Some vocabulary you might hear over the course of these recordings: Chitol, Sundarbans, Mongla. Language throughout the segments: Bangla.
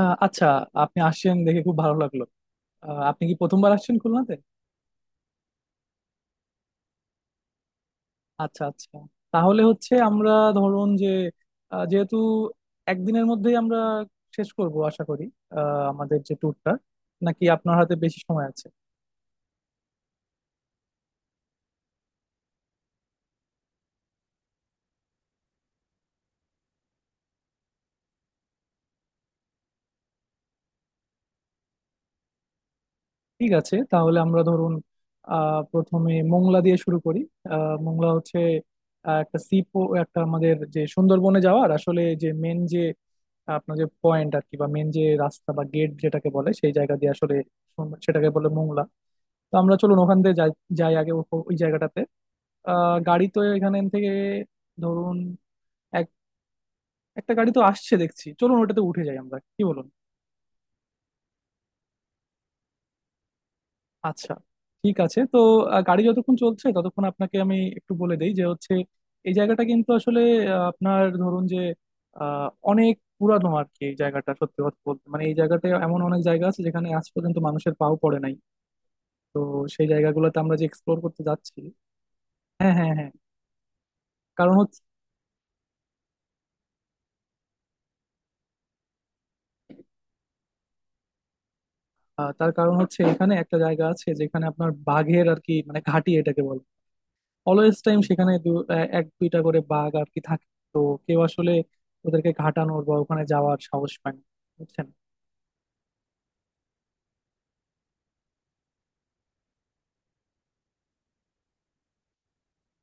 আচ্ছা, আপনি আসছেন দেখে খুব ভালো লাগলো। আপনি কি প্রথমবার আসছেন খুলনাতে? আচ্ছা আচ্ছা। তাহলে হচ্ছে আমরা ধরুন যে যেহেতু একদিনের মধ্যেই আমরা শেষ করব আশা করি আমাদের যে ট্যুরটা, নাকি আপনার হাতে বেশি সময় আছে? ঠিক আছে, তাহলে আমরা ধরুন প্রথমে মোংলা দিয়ে শুরু করি। মোংলা হচ্ছে আহ, একটা সি একটা আমাদের যে সুন্দরবনে যাওয়ার আসলে যে মেন যে আপনার যে পয়েন্ট আর কি, বা মেন যে রাস্তা বা গেট যেটাকে বলে সেই জায়গা দিয়ে আসলে সেটাকে বলে মোংলা। তো আমরা চলুন ওখান দিয়ে যাই, যাই আগে ওই জায়গাটাতে। গাড়ি তো এখান থেকে ধরুন এক একটা গাড়ি তো আসছে দেখছি, চলুন ওটাতে উঠে যাই, আমরা কি বলুন। আচ্ছা, ঠিক আছে তো। গাড়ি যতক্ষণ চলছে ততক্ষণ আপনাকে আমি একটু বলে দেই যে হচ্ছে এই জায়গাটা কিন্তু আসলে আপনার ধরুন যে অনেক পুরানো আর কি। এই জায়গাটা সত্যি কথা বলতে মানে এই জায়গাটা এমন অনেক জায়গা আছে যেখানে আজ পর্যন্ত মানুষের পাও পড়ে নাই। তো সেই জায়গাগুলোতে আমরা যে এক্সপ্লোর করতে যাচ্ছি। হ্যাঁ হ্যাঁ হ্যাঁ। কারণ হচ্ছে তার কারণ হচ্ছে এখানে একটা জায়গা আছে যেখানে আপনার বাঘের আর কি মানে ঘাঁটি এটাকে বলে। অলওয়েজ টাইম সেখানে এক দুইটা করে বাঘ আর কি থাকে। তো কেউ আসলে ওদেরকে ঘাটানোর বা ওখানে যাওয়ার সাহস পায় না, বুঝছেন।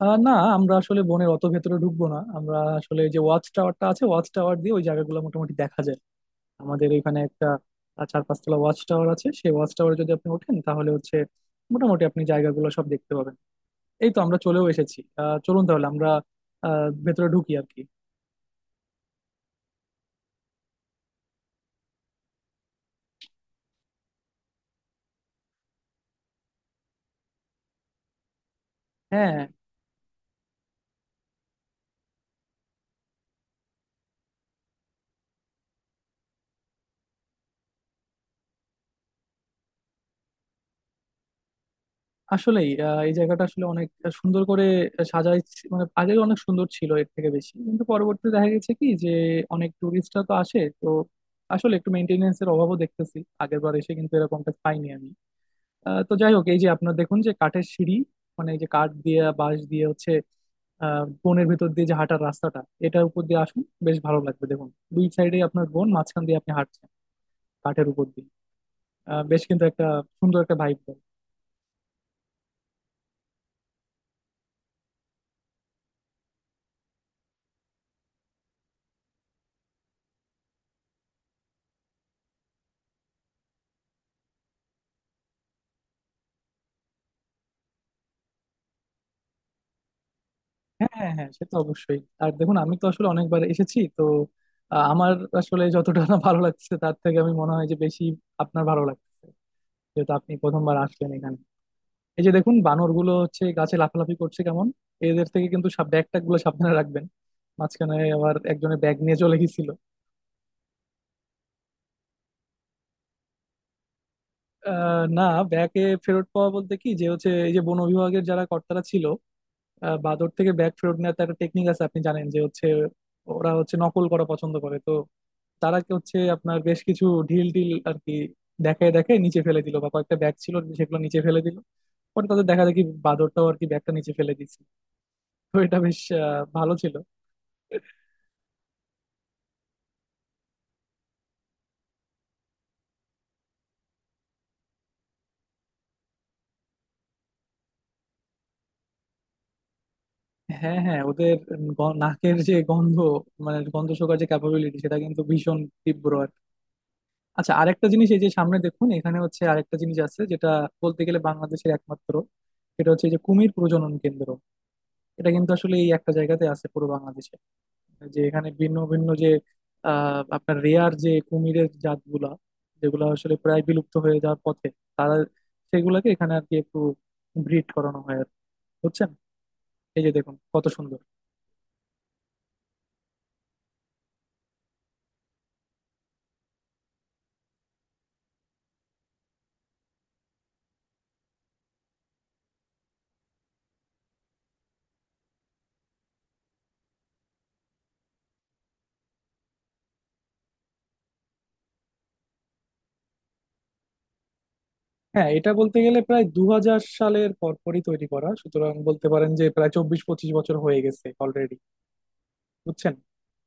না, আমরা আসলে বনের অত ভেতরে ঢুকবো না, আমরা আসলে যে ওয়াচ টাওয়ারটা আছে ওয়াচ টাওয়ার দিয়ে ওই জায়গাগুলো মোটামুটি দেখা যায়। আমাদের এখানে একটা 4-5 তলা ওয়াচ টাওয়ার আছে, সেই ওয়াচ টাওয়ারে যদি আপনি ওঠেন তাহলে হচ্ছে মোটামুটি আপনি জায়গাগুলো সব দেখতে পাবেন। এই তো আমরা চলেও এসেছি, চলুন তাহলে আমরা ভেতরে ঢুকি আর কি। হ্যাঁ। আসলেই এই জায়গাটা আসলে অনেক সুন্দর করে সাজাই, মানে আগে অনেক সুন্দর ছিল এর থেকে বেশি, কিন্তু পরবর্তীতে দেখা গেছে কি যে অনেক টুরিস্টরা তো আসে তো, আসলে একটু মেনটেনেন্স এর অভাবও দেখতেছি, আগের বার এসে কিন্তু এরকমটা পাইনি আমি। তো যাই হোক, এই যে আপনার দেখুন যে কাঠের সিঁড়ি, মানে এই যে কাঠ দিয়ে বাঁশ দিয়ে হচ্ছে বনের ভেতর দিয়ে যে হাঁটার রাস্তাটা, এটার উপর দিয়ে আসুন, বেশ ভালো লাগবে, দেখুন দুই সাইডে আপনার বন, মাঝখান দিয়ে আপনি হাঁটছেন কাঠের উপর দিয়ে। বেশ কিন্তু একটা সুন্দর একটা ভাইব। হ্যাঁ হ্যাঁ হ্যাঁ সে তো অবশ্যই। আর দেখুন আমি তো আসলে অনেকবার এসেছি তো, আমার আসলে যতটা না ভালো লাগছে তার থেকে আমি মনে হয় যে বেশি আপনার ভালো লাগছে, যেহেতু আপনি প্রথমবার আসলেন এখানে। এই যে দেখুন বানরগুলো হচ্ছে গাছে লাফালাফি করছে কেমন, এদের থেকে কিন্তু সব ব্যাগ ট্যাগ গুলো সাবধানে রাখবেন, মাঝখানে আবার একজনের ব্যাগ নিয়ে চলে গেছিল। না, ব্যাগে ফেরত পাওয়া বলতে কি যে হচ্ছে এই যে বন বিভাগের যারা কর্তারা ছিল বাঁদর থেকে ব্যাগ ফেরত নেওয়ার তো একটা টেকনিক আছে, আপনি জানেন যে হচ্ছে ওরা হচ্ছে নকল করা পছন্দ করে তো, তারা কি হচ্ছে আপনার বেশ কিছু ঢিল টিল আর কি দেখায়, দেখে নিচে ফেলে দিল বা কয়েকটা ব্যাগ ছিল সেগুলো নিচে ফেলে দিল, পরে তাদের দেখা দেখি বাঁদরটাও আর কি ব্যাগটা নিচে ফেলে দিচ্ছে। তো এটা বেশ ভালো ছিল। হ্যাঁ হ্যাঁ, ওদের নাকের যে গন্ধ, মানে গন্ধ শোকার যে ক্যাপাবিলিটি সেটা কিন্তু ভীষণ তীব্র আর কি। আচ্ছা, আরেকটা জিনিস, এই যে সামনে দেখুন এখানে হচ্ছে আরেকটা জিনিস আছে যেটা বলতে গেলে বাংলাদেশের একমাত্র, সেটা হচ্ছে এই যে কুমির প্রজনন কেন্দ্র। এটা কিন্তু আসলে এই একটা জায়গাতে আছে পুরো বাংলাদেশে, যে এখানে ভিন্ন ভিন্ন যে আপনার রেয়ার যে কুমিরের জাতগুলা, যেগুলো আসলে প্রায় বিলুপ্ত হয়ে যাওয়ার পথে, তারা সেগুলাকে এখানে আর কি একটু ব্রিড করানো হয় আর কি। বুঝছেন, এই যে দেখুন কত সুন্দর। হ্যাঁ, এটা বলতে গেলে প্রায় 2000 সালের পরপরই তৈরি করা, সুতরাং বলতে পারেন যে প্রায় 24-25 বছর হয়ে গেছে অলরেডি, বুঝছেন।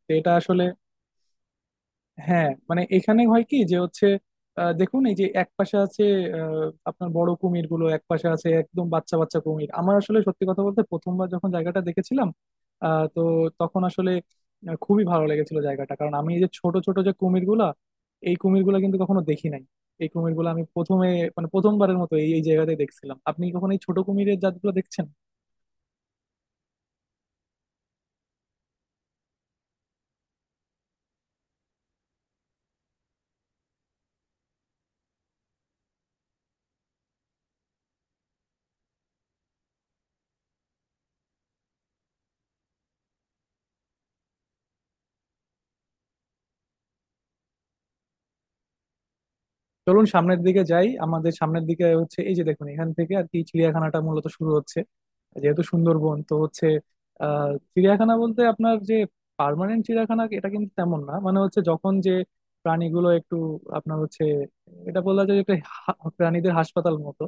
তো এটা আসলে হ্যাঁ মানে এখানে হয় কি যে হচ্ছে দেখুন এই যে এক পাশে আছে আহ, আপনার বড় কুমির গুলো এক পাশে আছে, একদম বাচ্চা বাচ্চা কুমির। আমার আসলে সত্যি কথা বলতে প্রথমবার যখন জায়গাটা দেখেছিলাম আহ, তো তখন আসলে খুবই ভালো লেগেছিল জায়গাটা, কারণ আমি এই যে ছোট ছোট যে কুমির গুলা, এই কুমির গুলা কিন্তু কখনো দেখি নাই, এই কুমির গুলো আমি প্রথমে মানে প্রথমবারের মতো এই এই জায়গাতে দেখছিলাম। আপনি কখনো এই ছোট কুমিরের জাতগুলো দেখছেন? চলুন সামনের দিকে যাই, আমাদের সামনের দিকে হচ্ছে এই যে দেখুন এখান থেকে আর কি চিড়িয়াখানাটা মূলত শুরু হচ্ছে। যেহেতু সুন্দরবন তো হচ্ছে চিড়িয়াখানা বলতে আপনার যে পার্মানেন্ট চিড়িয়াখানা এটা কিন্তু তেমন না, মানে হচ্ছে যখন যে প্রাণীগুলো একটু আপনার হচ্ছে এটা বলা যায় যে একটা প্রাণীদের হাসপাতাল মতো,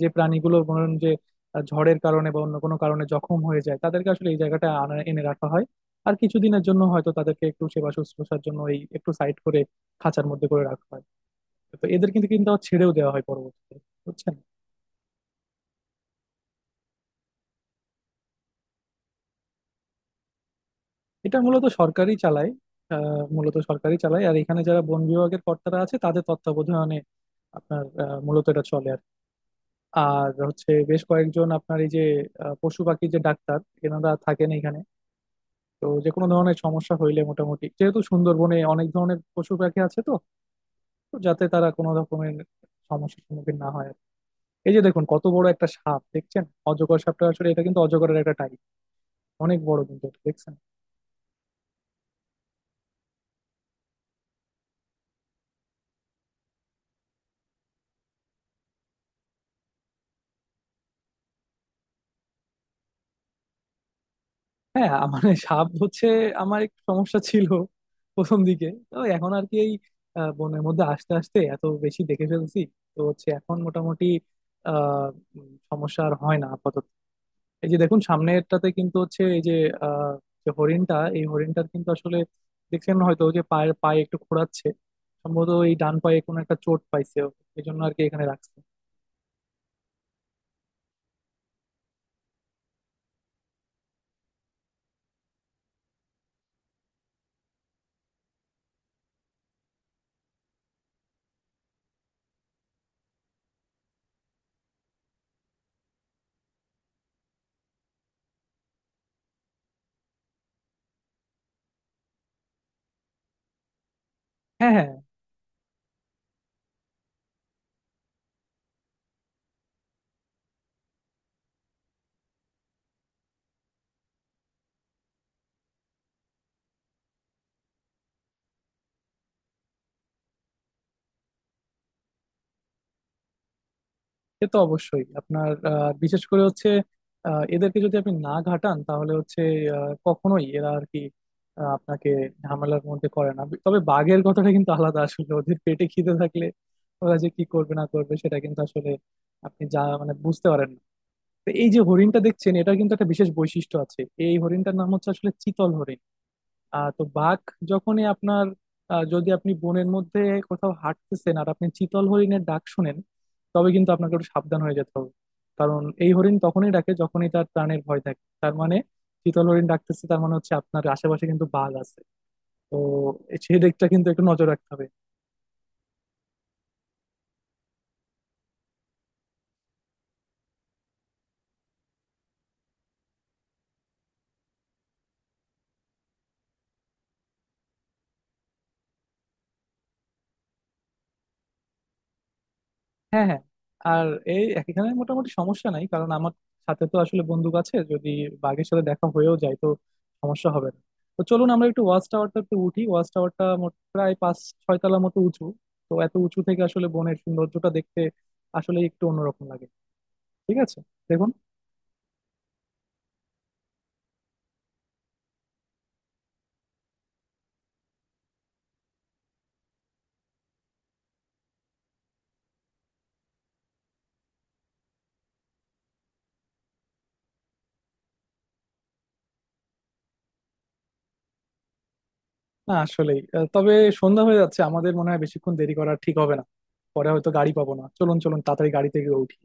যে প্রাণীগুলো ধরুন যে ঝড়ের কারণে বা অন্য কোনো কারণে জখম হয়ে যায়, তাদেরকে আসলে এই জায়গাটা আনা এনে রাখা হয়, আর কিছুদিনের জন্য হয়তো তাদেরকে একটু সেবা শুশ্রূষার জন্য এই একটু সাইড করে খাঁচার মধ্যে করে রাখা হয়। তো এদের কিন্তু কিন্তু আবার ছেড়েও দেওয়া হয় পরবর্তীতে, বুঝছেন। এটা মূলত সরকারই চালায়, মূলত সরকারই চালায়, আর এখানে যারা বন বিভাগের কর্তারা আছে তাদের তত্ত্বাবধানে আপনার মূলত এটা চলে আর কি। আর হচ্ছে বেশ কয়েকজন আপনার এই যে পশু পাখির যে ডাক্তার, এনারা থাকেন এখানে। তো যে কোনো ধরনের সমস্যা হইলে মোটামুটি, যেহেতু সুন্দরবনে অনেক ধরনের পশু পাখি আছে তো, তো যাতে তারা কোনো রকমের সমস্যার সম্মুখীন না হয় আর কি। এই যে দেখুন কত বড় একটা সাপ, দেখছেন অজগর সাপটা? আসলে এটা কিন্তু অজগরের একটা টাইপ, অনেক বড় কিন্তু এটা, দেখছেন। হ্যাঁ মানে সাপ হচ্ছে আমার একটু সমস্যা ছিল প্রথম দিকে তো, এখন আর কি এই বনের মধ্যে আস্তে আস্তে এত বেশি দেখে ফেলছি তো হচ্ছে এখন মোটামুটি আহ সমস্যা আর হয় না আপাতত। এই যে দেখুন সামনেরটাতে কিন্তু হচ্ছে এই যে আহ যে হরিণটা, এই হরিণটার কিন্তু আসলে দেখছেন হয়তো যে পায়ে একটু খোঁড়াচ্ছে, সম্ভবত এই ডান পায়ে কোনো একটা চোট পাইছে ও। এই জন্য আর কি এখানে রাখছে। হ্যাঁ হ্যাঁ সে তো অবশ্যই। আপনার বিশেষ করে হচ্ছে এদেরকে যদি আপনি না ঘাটান তাহলে হচ্ছে কখনোই এরা আর কি আপনাকে ঝামেলার মধ্যে করে না, তবে বাঘের কথাটা কিন্তু আলাদা, আসলে ওদের পেটে খিদে থাকলে ওরা যে কি করবে না করবে সেটা কিন্তু আসলে আপনি যা মানে বুঝতে পারেন না। তো এই যে হরিণটা দেখছেন, এটার কিন্তু একটা বিশেষ বৈশিষ্ট্য আছে, এই হরিণটার নাম হচ্ছে আসলে চিতল হরিণ। তো বাঘ যখনই আপনার যদি আপনি বনের মধ্যে কোথাও হাঁটতেছেন আর আপনি চিতল হরিণের ডাক শুনেন, তবে কিন্তু আপনাকে একটু সাবধান হয়ে যেতে হবে, কারণ এই হরিণ তখনই ডাকে যখনই তার প্রাণের ভয় থাকে। তার মানে চিতল হরিণ ডাকতেছে তার মানে হচ্ছে আপনার আশেপাশে কিন্তু বাঘ আছে, তো সেই দিকটা কিন্তু একটু নজর রাখতে হবে। হ্যাঁ হ্যাঁ। আর এই এখানে মোটামুটি সমস্যা নাই, কারণ আমার সাথে তো আসলে বন্দুক আছে, যদি বাঘের সাথে দেখা হয়েও যায় তো সমস্যা হবে না। তো চলুন আমরা একটু ওয়াচ টাওয়ারটা একটু উঠি, ওয়াচ টাওয়ারটা মোট প্রায় 5-6 তলা মতো উঁচু। তো এত উঁচু থেকে আসলে বনের সৌন্দর্যটা দেখতে আসলে একটু অন্যরকম লাগে, ঠিক আছে? দেখুন। না আসলেই তবে সন্ধ্যা হয়ে যাচ্ছে, আমাদের মনে হয় বেশিক্ষণ দেরি করা ঠিক হবে না, পরে হয়তো গাড়ি পাবো না, চলুন চলুন তাড়াতাড়ি গাড়িতে গিয়ে উঠি।